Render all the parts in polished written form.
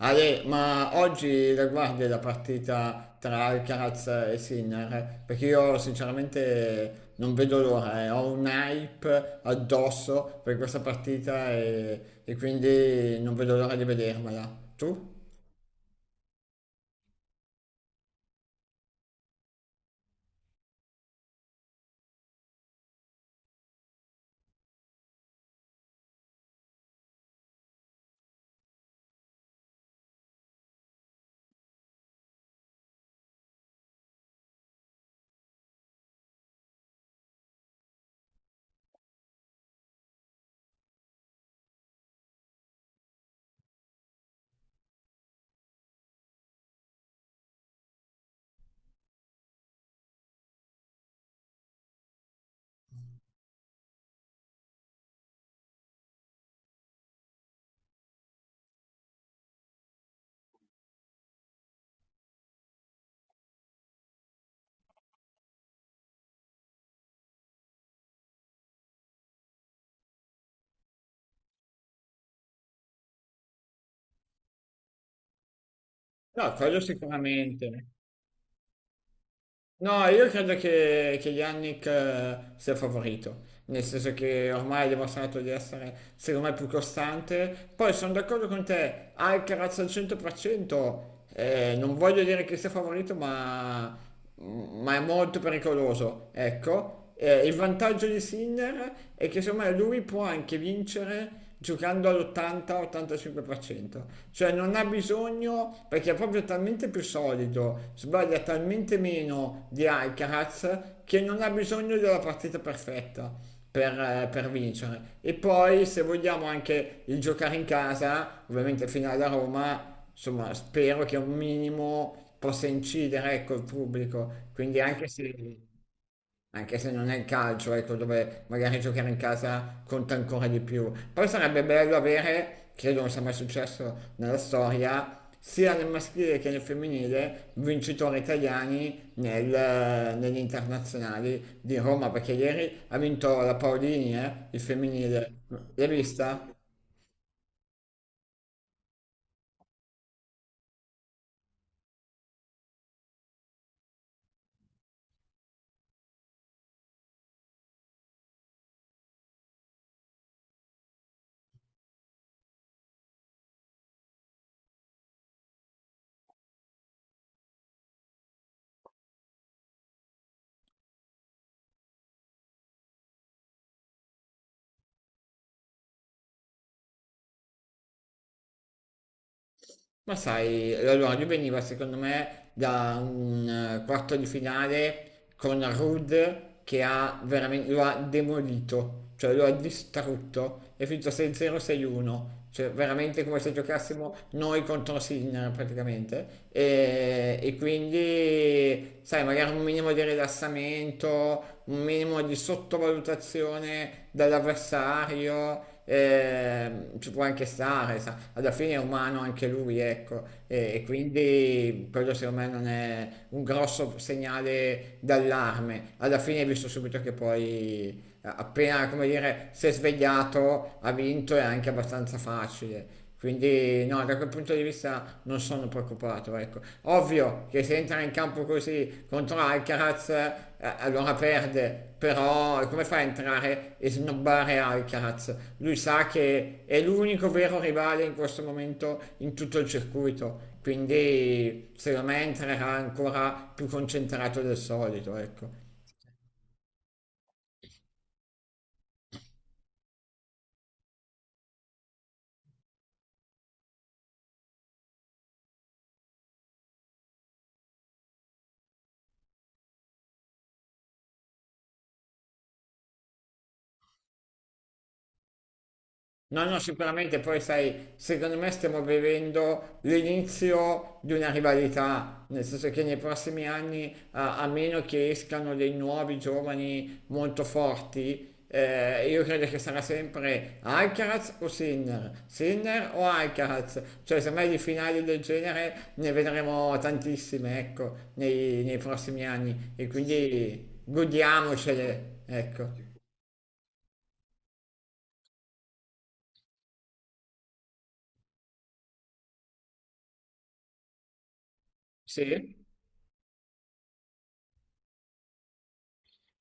Ale, ma oggi la guardi la partita tra Alcaraz e Sinner? Perché io sinceramente non vedo l'ora, eh. Ho un hype addosso per questa partita e quindi non vedo l'ora di vedermela. Tu? No, quello sicuramente. No, io credo che Yannick sia favorito, nel senso che ormai ha dimostrato di essere, secondo me, più costante. Poi sono d'accordo con te, Alcaraz al 100%, non voglio dire che sia favorito, ma è molto pericoloso, ecco. Il vantaggio di Sinner è che secondo me lui può anche vincere giocando all'80-85%, cioè non ha bisogno perché è proprio talmente più solido, sbaglia talmente meno di Alcaraz che non ha bisogno della partita perfetta per vincere. E poi se vogliamo anche il giocare in casa, ovviamente finale a Roma, insomma spero che un minimo possa incidere ecco, il pubblico, quindi anche se non è il calcio, ecco, dove magari giocare in casa conta ancora di più. Poi sarebbe bello avere, credo non sia mai successo nella storia, sia nel maschile che nel femminile, vincitori italiani negli internazionali di Roma, perché ieri ha vinto la Paolini, il femminile. L'hai vista? Ma sai, l'orologio veniva secondo me da un quarto di finale con Ruud che ha veramente, lo ha demolito, cioè lo ha distrutto, è finito 6-0, 6-1, cioè veramente come se giocassimo noi contro Sinner praticamente. E quindi, sai, magari un minimo di rilassamento, un minimo di sottovalutazione dall'avversario ci può anche stare, sa. Alla fine è umano anche lui, ecco, e quindi quello secondo me non è un grosso segnale d'allarme. Alla fine hai visto subito che poi appena, come dire, si è svegliato, ha vinto, è anche abbastanza facile. Quindi no, da quel punto di vista non sono preoccupato, ecco. Ovvio che se entra in campo così contro Alcaraz, allora perde, però come fa a entrare e snobbare Alcaraz? Lui sa che è l'unico vero rivale in questo momento in tutto il circuito, quindi secondo me entrerà ancora più concentrato del solito, ecco. No, no, sicuramente poi sai, secondo me stiamo vivendo l'inizio di una rivalità, nel senso che nei prossimi anni, a meno che escano dei nuovi giovani molto forti, io credo che sarà sempre Alcaraz o Sinner, Sinner o Alcaraz, cioè semmai di finali del genere ne vedremo tantissime, ecco, nei prossimi anni e quindi godiamocele, ecco. Sì?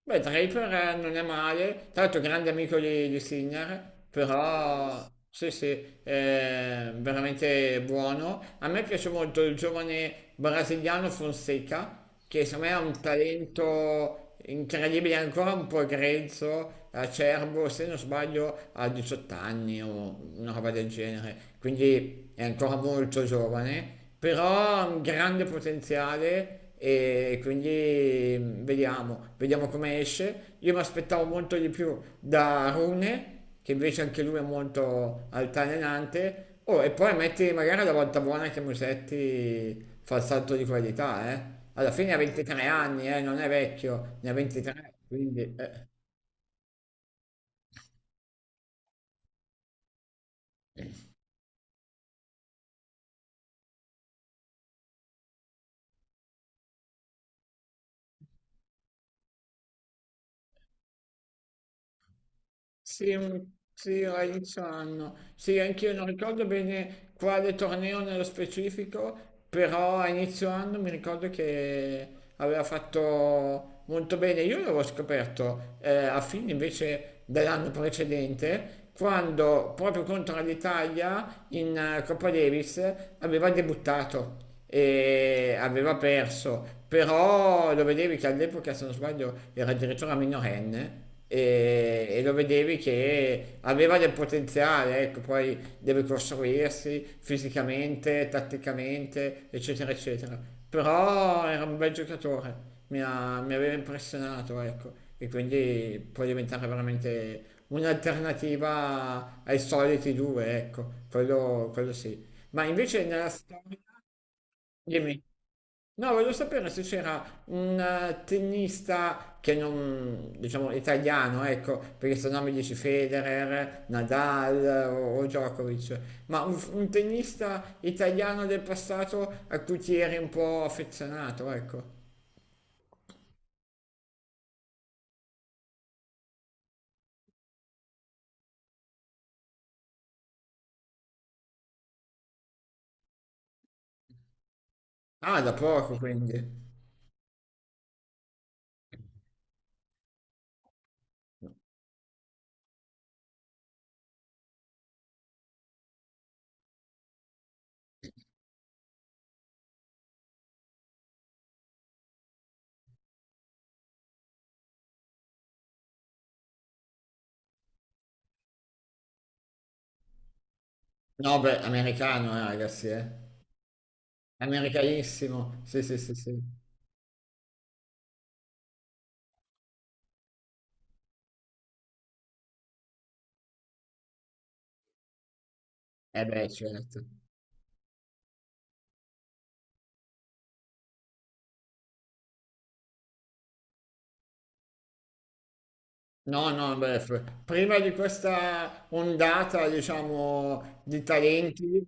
Beh, Draper non è male, tra l'altro grande amico di Sinner, però sì, sì, è veramente buono. A me piace molto il giovane brasiliano Fonseca, che secondo me ha un talento incredibile, ancora un po' grezzo, acerbo, se non sbaglio ha 18 anni o una roba del genere, quindi è ancora molto giovane però ha un grande potenziale e quindi vediamo, vediamo come esce. Io mi aspettavo molto di più da Rune, che invece anche lui è molto altalenante. Oh, e poi metti magari la volta buona che Musetti fa il salto di qualità, eh. Alla fine ha 23 anni, non è vecchio, ne ha 23, quindi... Sì, sì, a inizio anno. Sì, anch'io non ricordo bene quale torneo nello specifico, però a inizio anno mi ricordo che aveva fatto molto bene. Io l'avevo scoperto a fine invece dell'anno precedente, quando proprio contro l'Italia in Coppa Davis aveva debuttato e aveva perso, però lo vedevi che all'epoca, se non sbaglio, era addirittura minorenne e lo vedevi che aveva del potenziale, ecco, poi deve costruirsi fisicamente, tatticamente, eccetera, eccetera. Però era un bel giocatore, mi aveva impressionato, ecco, e quindi può diventare veramente un'alternativa ai soliti due, ecco, quello sì. Ma invece nella storia, dimmi. No, voglio sapere se c'era un tennista che non, diciamo, italiano, ecco, perché se no mi dici Federer, Nadal o Djokovic, ma un tennista italiano del passato a cui ti eri un po' affezionato, ecco. Ah, da poco quindi. No, beh, americano, ragazzi, eh. Americanissimo, sì, sì, sì, sì. Eh beh, certo. No, no, beh, prima di questa ondata, diciamo, di talenti,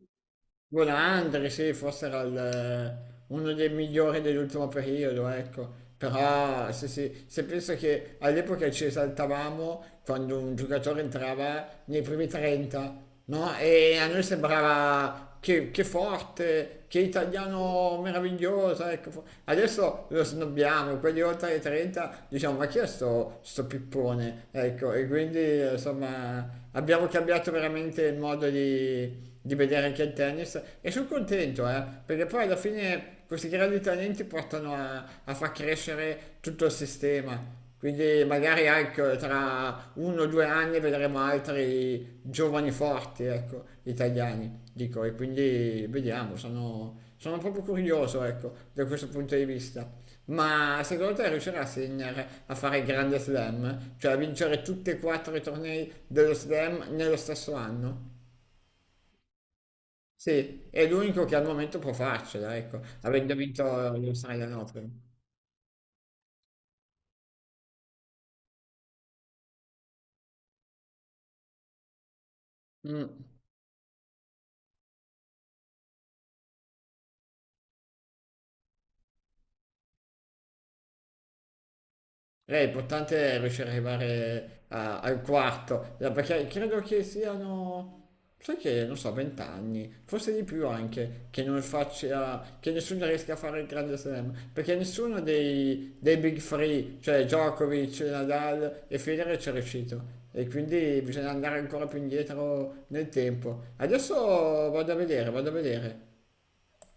Golandri, sì, forse era uno dei migliori dell'ultimo periodo, ecco. Però se penso che all'epoca ci esaltavamo quando un giocatore entrava nei primi 30, no? E a noi sembrava che forte, che italiano meraviglioso, ecco. Adesso lo snobbiamo, quelli oltre i 30 diciamo ma chi è sto pippone? Ecco, e quindi insomma abbiamo cambiato veramente il modo di vedere anche il tennis e sono contento, perché poi alla fine questi grandi talenti portano a far crescere tutto il sistema. Quindi magari ecco, tra uno o due anni vedremo altri giovani forti, ecco, italiani, dico, e quindi vediamo, sono proprio curioso, ecco, da questo punto di vista. Ma secondo te riuscirà Sinner a fare il grande slam? Cioè a vincere tutti e quattro i tornei dello slam nello stesso anno? Sì, è l'unico che al momento può farcela, ecco, avendo vinto l'Australian Open. Mm. È importante riuscire ad arrivare al quarto, perché credo che siano, sai che, non so, 20 anni, forse di più anche, che non faccia, che nessuno riesca a fare il Grande Slam, perché nessuno dei Big Three, cioè Djokovic, Nadal e Federer ci è riuscito. E quindi bisogna andare ancora più indietro nel tempo. Adesso vado a vedere, vado a vedere.